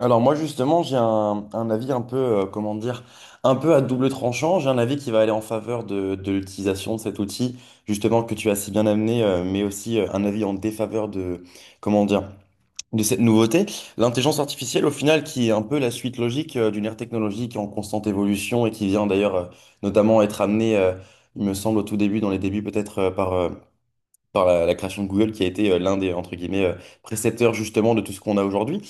Alors moi justement j'ai un avis un peu comment dire un peu à double tranchant. J'ai un avis qui va aller en faveur de l'utilisation de cet outil justement que tu as si bien amené, mais aussi un avis en défaveur de comment dire de cette nouveauté. L'intelligence artificielle au final qui est un peu la suite logique d'une ère technologique en constante évolution et qui vient d'ailleurs notamment être amenée il me semble au tout début dans les débuts peut-être par la création de Google qui a été l'un des entre guillemets précepteurs justement de tout ce qu'on a aujourd'hui.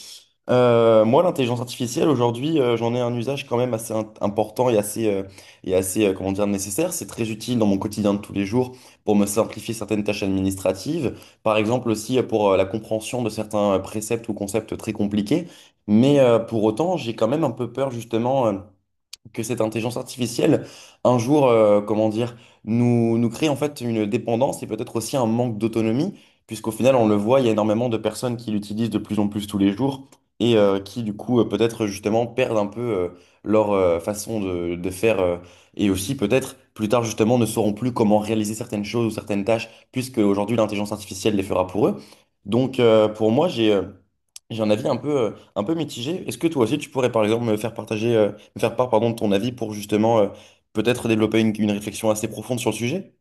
L'intelligence artificielle, aujourd'hui, j'en ai un usage quand même assez important et assez comment dire, nécessaire. C'est très utile dans mon quotidien de tous les jours pour me simplifier certaines tâches administratives, par exemple aussi pour la compréhension de certains préceptes ou concepts très compliqués. Mais pour autant, j'ai quand même un peu peur justement que cette intelligence artificielle, un jour, comment dire, nous crée en fait une dépendance et peut-être aussi un manque d'autonomie, puisqu'au final, on le voit, il y a énormément de personnes qui l'utilisent de plus en plus tous les jours et qui, du coup, peut-être justement perdent un peu leur façon de faire et aussi peut-être plus tard, justement, ne sauront plus comment réaliser certaines choses ou certaines tâches, puisque aujourd'hui, l'intelligence artificielle les fera pour eux. Donc, pour moi, j'ai un avis un peu mitigé. Est-ce que toi aussi, tu pourrais, par exemple, me faire part, pardon, de ton avis pour justement, peut-être développer une réflexion assez profonde sur le sujet?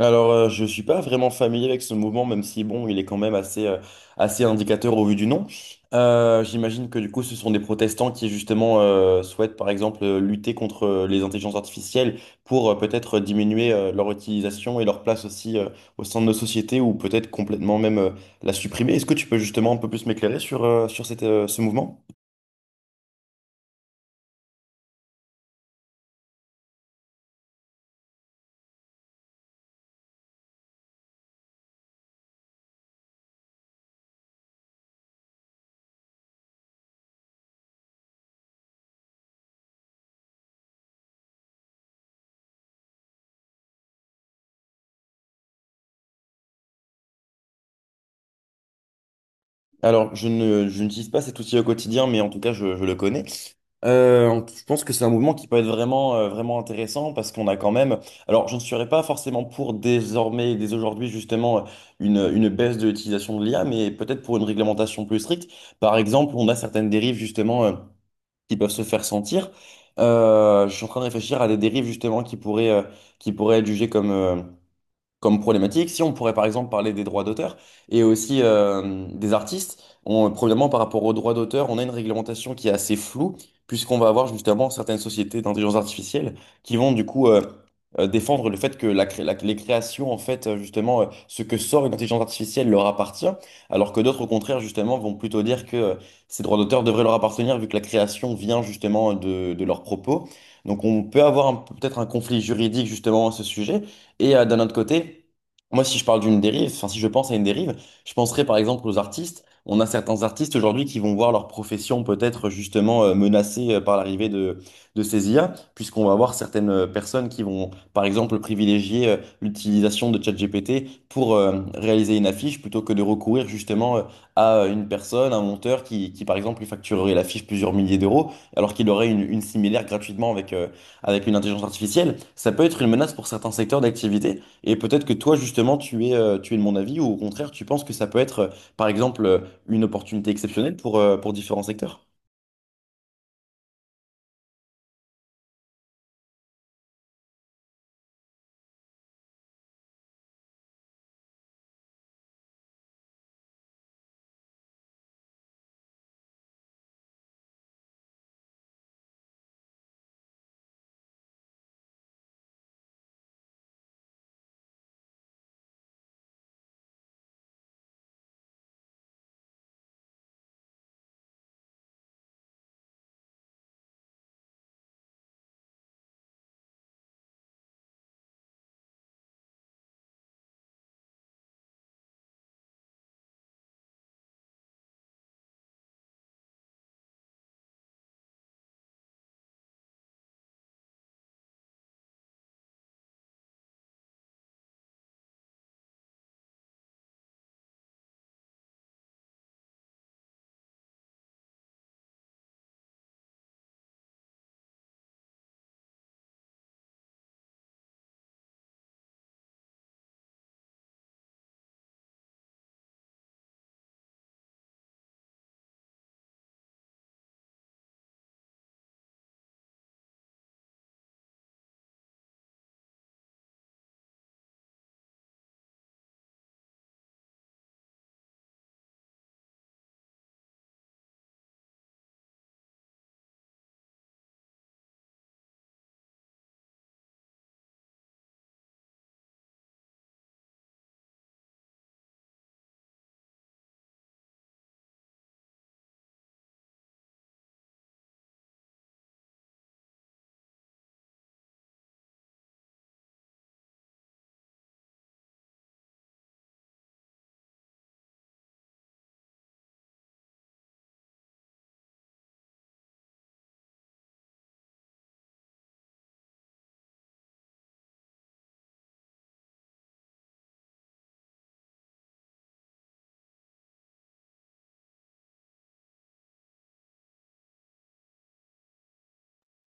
Alors, je suis pas vraiment familier avec ce mouvement, même si, bon, il est quand même assez assez indicateur au vu du nom. J'imagine que, du coup, ce sont des protestants qui, justement, souhaitent, par exemple, lutter contre les intelligences artificielles pour peut-être diminuer leur utilisation et leur place aussi au sein de nos sociétés ou peut-être complètement même la supprimer. Est-ce que tu peux, justement, un peu plus m'éclairer sur, sur cette, ce mouvement? Alors, je n'utilise pas cet outil au quotidien, mais en tout cas, je le connais. Je pense que c'est un mouvement qui peut être vraiment, vraiment intéressant parce qu'on a quand même, alors je ne serais pas forcément pour désormais, dès aujourd'hui justement, une baisse de l'utilisation de l'IA, mais peut-être pour une réglementation plus stricte. Par exemple, on a certaines dérives justement qui peuvent se faire sentir. Je suis en train de réfléchir à des dérives justement qui qui pourraient être jugées comme problématique. Si on pourrait par exemple parler des droits d'auteur et aussi des artistes, on, premièrement par rapport aux droits d'auteur, on a une réglementation qui est assez floue puisqu'on va avoir justement certaines sociétés d'intelligence artificielle qui vont du coup défendre le fait que les créations, en fait, justement, ce que sort une intelligence artificielle leur appartient, alors que d'autres, au contraire, justement, vont plutôt dire que ces droits d'auteur devraient leur appartenir vu que la création vient justement de leurs propos. Donc on peut avoir peut-être un conflit juridique justement à ce sujet. Et d'un autre côté, moi, si je parle d'une dérive, enfin, si je pense à une dérive, je penserais par exemple aux artistes. On a certains artistes aujourd'hui qui vont voir leur profession peut-être justement menacée par l'arrivée de ces IA, puisqu'on va avoir certaines personnes qui vont par exemple privilégier l'utilisation de ChatGPT pour réaliser une affiche plutôt que de recourir justement à une personne, un monteur qui par exemple lui facturerait l'affiche plusieurs milliers d'euros alors qu'il aurait une similaire gratuitement avec une intelligence artificielle. Ça peut être une menace pour certains secteurs d'activité. Et peut-être que toi, justement, tu es de mon avis, ou au contraire, tu penses que ça peut être, par exemple une opportunité exceptionnelle pour différents secteurs.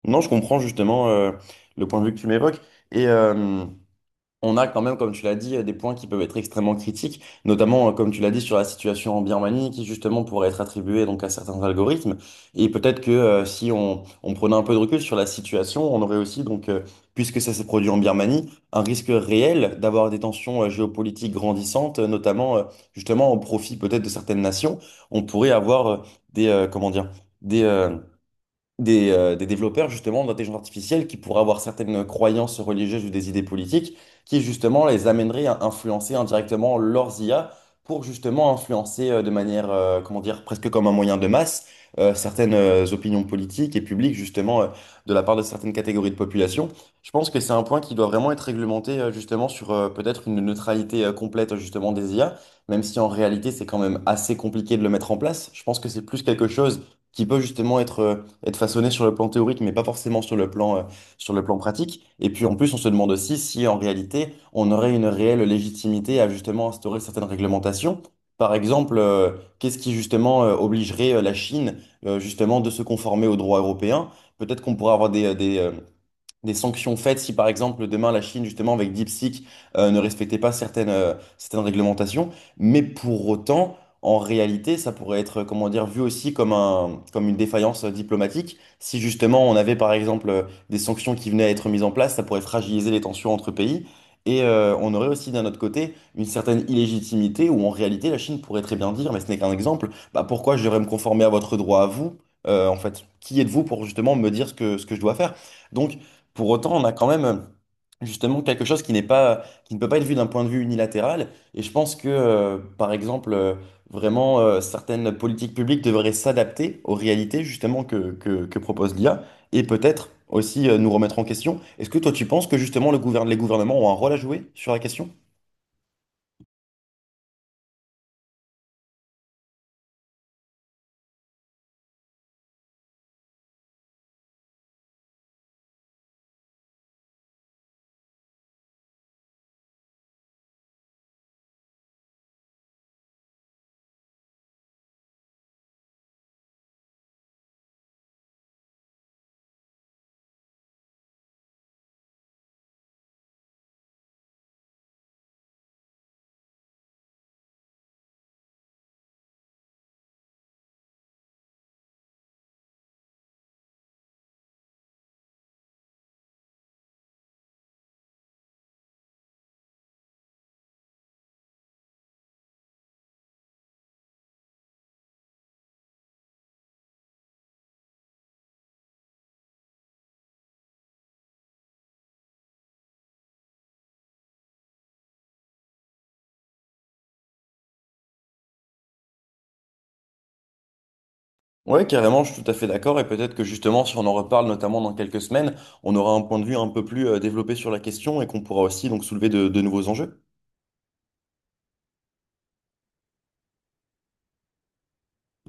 Non, je comprends justement le point de vue que tu m'évoques. Et, on a quand même, comme tu l'as dit, des points qui peuvent être extrêmement critiques, notamment, comme tu l'as dit, sur la situation en Birmanie, qui justement pourrait être attribuée donc à certains algorithmes. Et peut-être que si on prenait un peu de recul sur la situation, on aurait aussi, donc, puisque ça s'est produit en Birmanie, un risque réel d'avoir des tensions géopolitiques grandissantes, notamment justement au profit peut-être de certaines nations. On pourrait avoir comment dire, des, euh, des développeurs justement d'intelligence artificielle qui pourraient avoir certaines croyances religieuses ou des idées politiques qui justement les amèneraient à influencer indirectement leurs IA pour justement influencer de manière, comment dire, presque comme un moyen de masse certaines opinions politiques et publiques justement de la part de certaines catégories de population. Je pense que c'est un point qui doit vraiment être réglementé justement sur peut-être une neutralité complète justement des IA, même si en réalité c'est quand même assez compliqué de le mettre en place. Je pense que c'est plus quelque chose qui peut justement être façonné sur le plan théorique, mais pas forcément sur le plan pratique. Et puis en plus, on se demande aussi si en réalité, on aurait une réelle légitimité à justement instaurer certaines réglementations. Par exemple, qu'est-ce qui justement obligerait la Chine justement de se conformer au droit européen? Peut-être qu'on pourrait avoir des sanctions faites si par exemple demain la Chine justement avec DeepSeek ne respectait pas certaines réglementations. Mais pour autant, en réalité, ça pourrait être comment dire vu aussi comme comme une défaillance diplomatique. Si justement on avait par exemple des sanctions qui venaient à être mises en place, ça pourrait fragiliser les tensions entre pays. Et on aurait aussi d'un autre côté une certaine illégitimité où en réalité la Chine pourrait très bien dire, mais ce n'est qu'un exemple, bah pourquoi je devrais me conformer à votre droit à vous? En fait, qui êtes-vous pour justement me dire ce ce que je dois faire? Donc, pour autant, on a quand même justement quelque chose qui ne peut pas être vu d'un point de vue unilatéral. Et je pense que, par exemple, certaines politiques publiques devraient s'adapter aux réalités justement que propose l'IA et peut-être aussi nous remettre en question. Est-ce que toi, tu penses que justement les gouvernements ont un rôle à jouer sur la question? Oui, carrément, je suis tout à fait d'accord. Et peut-être que justement, si on en reparle, notamment dans quelques semaines, on aura un point de vue un peu plus développé sur la question et qu'on pourra aussi donc soulever de nouveaux enjeux.